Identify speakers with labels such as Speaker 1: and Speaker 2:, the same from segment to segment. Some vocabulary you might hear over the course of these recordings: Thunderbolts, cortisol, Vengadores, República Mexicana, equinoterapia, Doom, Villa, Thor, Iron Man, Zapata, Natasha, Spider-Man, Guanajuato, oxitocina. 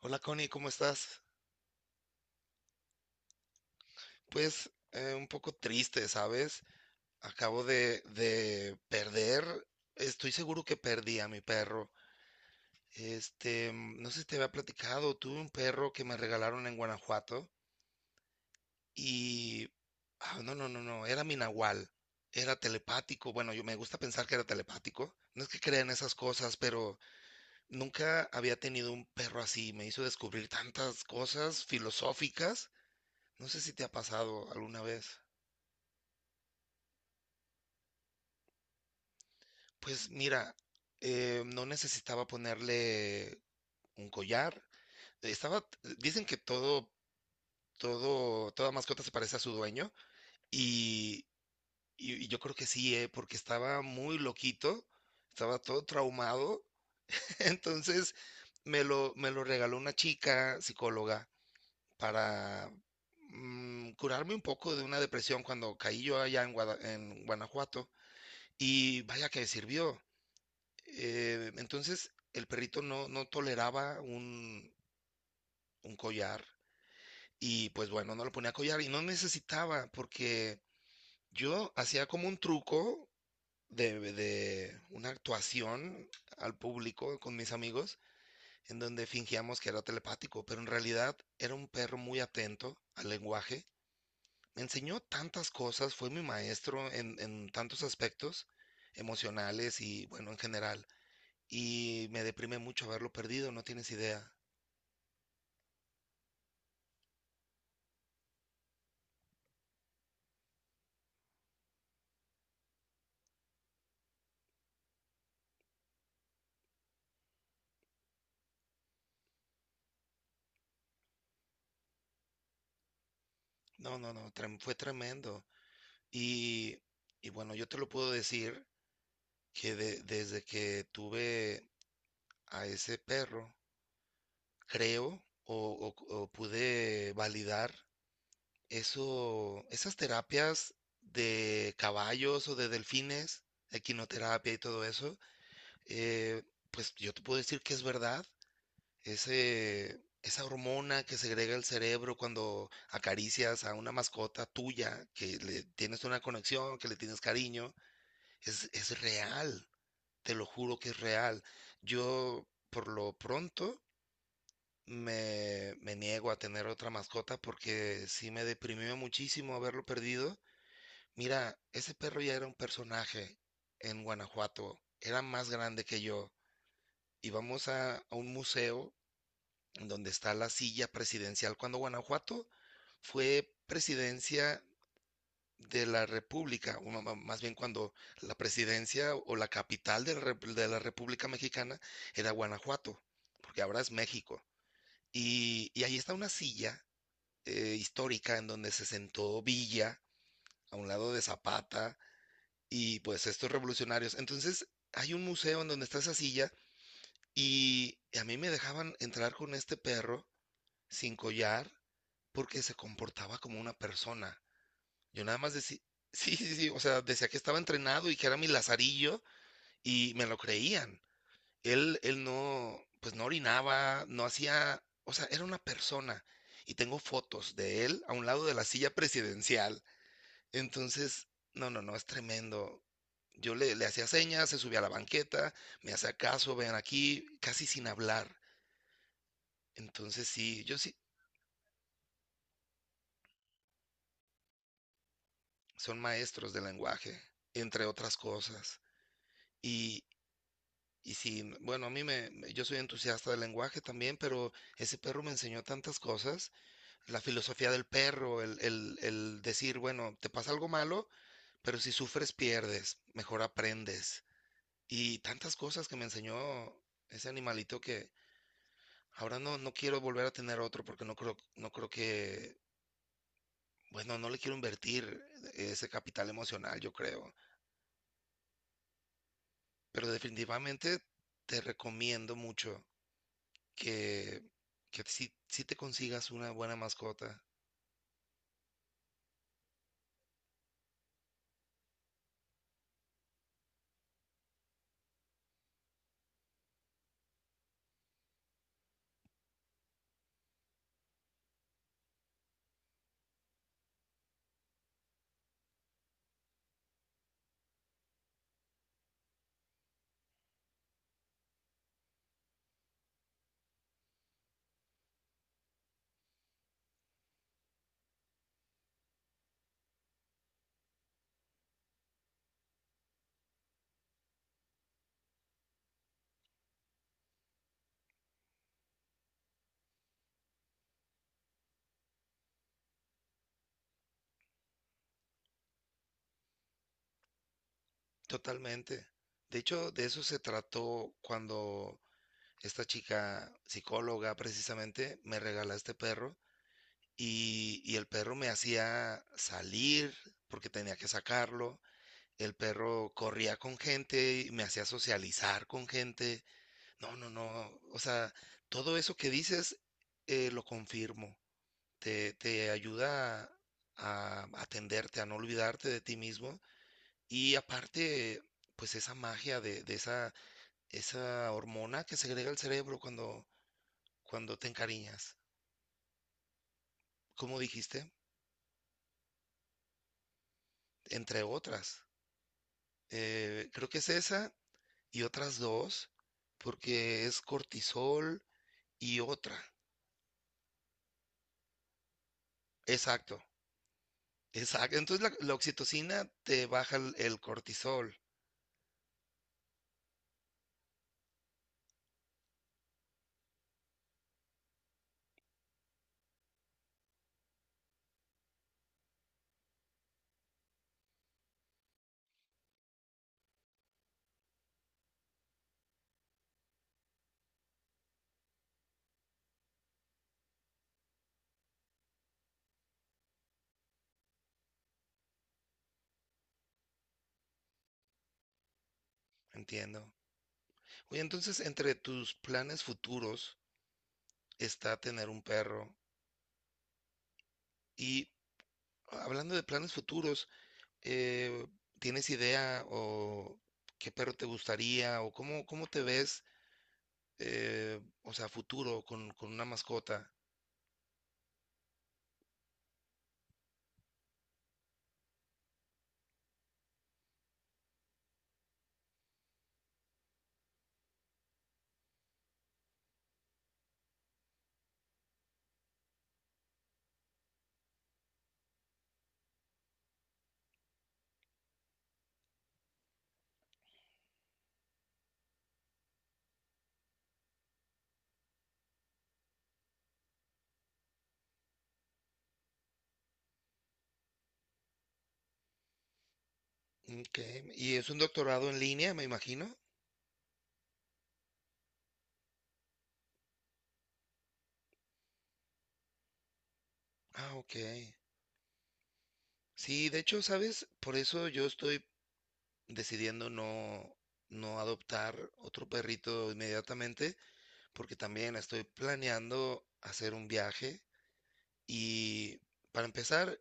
Speaker 1: Hola Connie, ¿cómo estás? Pues un poco triste, ¿sabes? Acabo de perder, estoy seguro que perdí a mi perro. Este, no sé si te había platicado, tuve un perro que me regalaron en Guanajuato y... ah, no, no, no, no, era mi nahual, era telepático, bueno, yo me gusta pensar que era telepático, no es que crea en esas cosas, pero nunca había tenido un perro así, me hizo descubrir tantas cosas filosóficas, no sé si te ha pasado alguna vez. Pues mira, no necesitaba ponerle un collar. Estaba, dicen que toda mascota se parece a su dueño y, y yo creo que sí, porque estaba muy loquito, estaba todo traumado. Entonces me lo regaló una chica psicóloga para curarme un poco de una depresión cuando caí yo allá en Guanajuato y vaya que sirvió. Entonces el perrito no toleraba un collar y pues bueno, no lo ponía collar y no necesitaba porque yo hacía como un truco de una actuación al público con mis amigos en donde fingíamos que era telepático, pero en realidad era un perro muy atento al lenguaje. Me enseñó tantas cosas, fue mi maestro en tantos aspectos emocionales y bueno, en general. Y me deprime mucho haberlo perdido, no tienes idea. No, no, no, fue tremendo. Y, y bueno, yo te lo puedo decir que desde que tuve a ese perro, creo o pude validar esas terapias de caballos o de delfines, equinoterapia y todo eso, eh, pues yo te puedo decir que es verdad. Esa hormona que segrega el cerebro cuando acaricias a una mascota tuya, que le tienes una conexión, que le tienes cariño, es real, te lo juro que es real. Yo, por lo pronto, me niego a tener otra mascota porque sí me deprimió muchísimo haberlo perdido. Mira, ese perro ya era un personaje en Guanajuato, era más grande que yo. Íbamos a un museo donde está la silla presidencial. Cuando Guanajuato fue presidencia de la República, o más bien cuando la presidencia o la capital de la República Mexicana era Guanajuato, porque ahora es México. Y ahí está una silla histórica en donde se sentó Villa a un lado de Zapata y pues estos revolucionarios. Entonces hay un museo en donde está esa silla y a mí me dejaban entrar con este perro sin collar porque se comportaba como una persona. Yo nada más decía, sí, sí, sí, o sea, decía que estaba entrenado y que era mi lazarillo y me lo creían. Él no, pues no orinaba, no hacía, o sea, era una persona. Y tengo fotos de él a un lado de la silla presidencial. Entonces, no, no, no, es tremendo. Yo le hacía señas, se subía a la banqueta, me hacía caso, vean aquí, casi sin hablar. Entonces sí, yo sí, son maestros de lenguaje, entre otras cosas. Y, y sí, bueno, a mí yo soy entusiasta del lenguaje también, pero ese perro me enseñó tantas cosas, la filosofía del perro, el decir, bueno, te pasa algo malo, pero si sufres pierdes, mejor aprendes. Y tantas cosas que me enseñó ese animalito que ahora no quiero volver a tener otro porque no creo que, bueno, no le quiero invertir ese capital emocional, yo creo. Pero definitivamente te recomiendo mucho que, que si te consigas una buena mascota. Totalmente. De hecho, de eso se trató cuando esta chica psicóloga precisamente me regala este perro y el perro me hacía salir porque tenía que sacarlo. El perro corría con gente y me hacía socializar con gente. No, no, no. O sea, todo eso que dices lo confirmo. Te ayuda a atenderte, a no olvidarte de ti mismo. Y aparte, pues esa magia de esa, esa hormona que segrega el cerebro cuando te encariñas, como dijiste, entre otras. Creo que es esa y otras dos, porque es cortisol y otra. Exacto, exacto. Entonces la oxitocina te baja el cortisol, entiendo. Oye, entonces entre tus planes futuros, está tener un perro. Y hablando de planes futuros, eh, ¿tienes idea o qué perro te gustaría o cómo, cómo te ves, o sea, futuro con una mascota? Ok, y es un doctorado en línea, me imagino. Ah, ok. Sí, de hecho, ¿sabes? Por eso yo estoy decidiendo no adoptar otro perrito inmediatamente, porque también estoy planeando hacer un viaje. Y para empezar,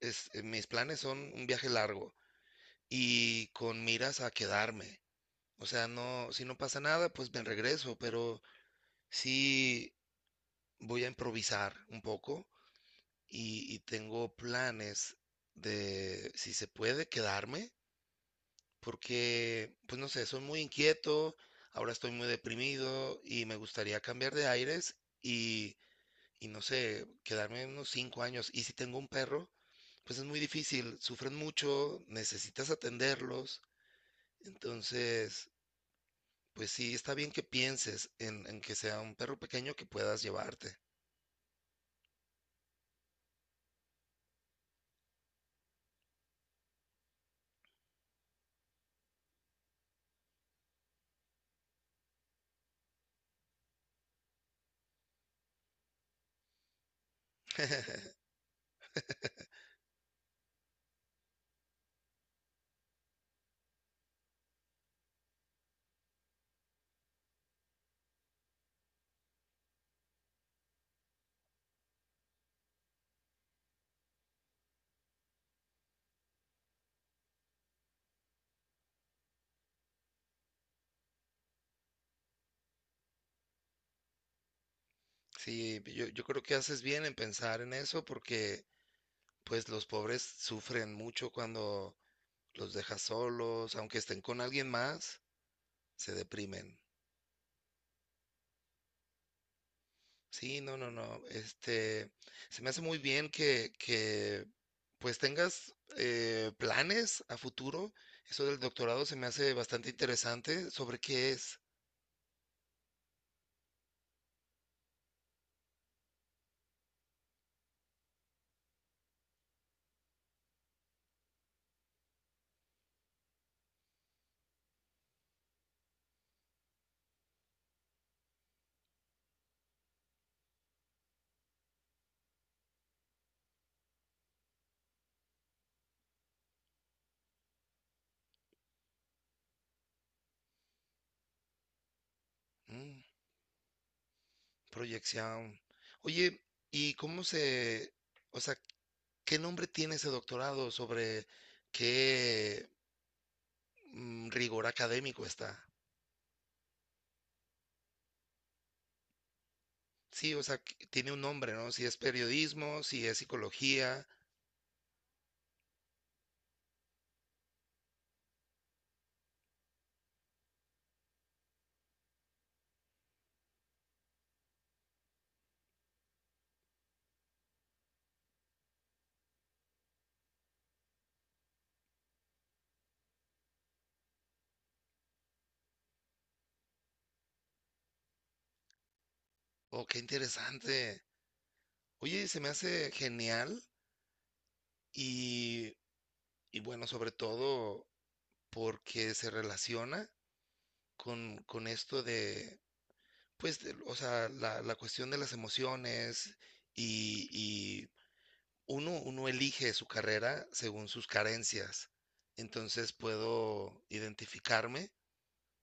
Speaker 1: mis planes son un viaje largo y con miras a quedarme. O sea, no, si no pasa nada, pues me regreso, pero sí voy a improvisar un poco y tengo planes de si se puede quedarme, porque, pues no sé, soy muy inquieto, ahora estoy muy deprimido y me gustaría cambiar de aires y, y no sé, quedarme unos 5 años. Y si tengo un perro, pues es muy difícil, sufren mucho, necesitas atenderlos, entonces, pues sí, está bien que pienses en que sea un perro pequeño que puedas llevarte. Sí, yo creo que haces bien en pensar en eso porque pues los pobres sufren mucho cuando los dejas solos, aunque estén con alguien más, se deprimen. Sí, no, no, no. Este, se me hace muy bien que pues tengas planes a futuro. Eso del doctorado se me hace bastante interesante. ¿Sobre qué es? Mm, proyección. Oye, ¿y cómo se, o sea, qué nombre tiene ese doctorado? ¿Sobre qué rigor académico está? Sí, o sea, que tiene un nombre, ¿no? Si es periodismo, si es psicología. Oh, qué interesante. Oye, se me hace genial y, y bueno, sobre todo porque se relaciona con esto de, pues, de- o sea, la cuestión de las emociones y uno, uno elige su carrera según sus carencias. Entonces puedo identificarme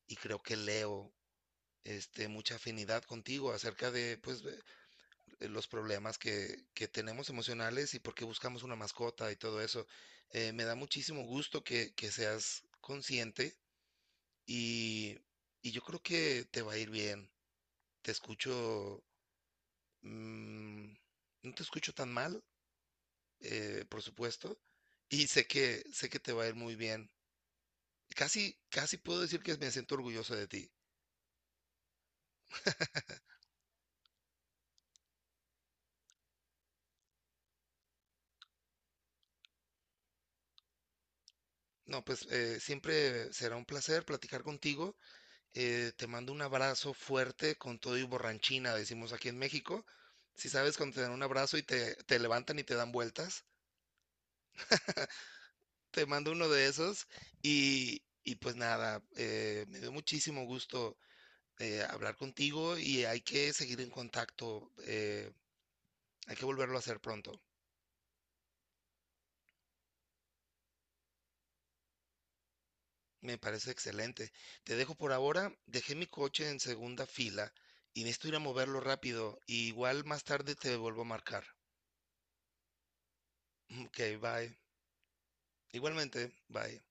Speaker 1: y creo que leo este, mucha afinidad contigo acerca de, pues, de los problemas que tenemos emocionales y por qué buscamos una mascota y todo eso. Me da muchísimo gusto que seas consciente y, y yo creo que te va a ir bien. Te escucho, mm, no te escucho tan mal, por supuesto, y sé que te va a ir muy bien. Casi, casi puedo decir que me siento orgulloso de ti. No, pues siempre será un placer platicar contigo. Te mando un abrazo fuerte con todo y borranchina, decimos aquí en México. Si sabes cuando te dan un abrazo y te levantan y te dan vueltas, te mando uno de esos. Y pues nada, me dio muchísimo gusto hablar contigo y hay que seguir en contacto. Hay que volverlo a hacer pronto. Me parece excelente. Te dejo por ahora. Dejé mi coche en segunda fila y necesito ir a moverlo rápido. Y igual más tarde te vuelvo a marcar. Ok, bye. Igualmente, bye.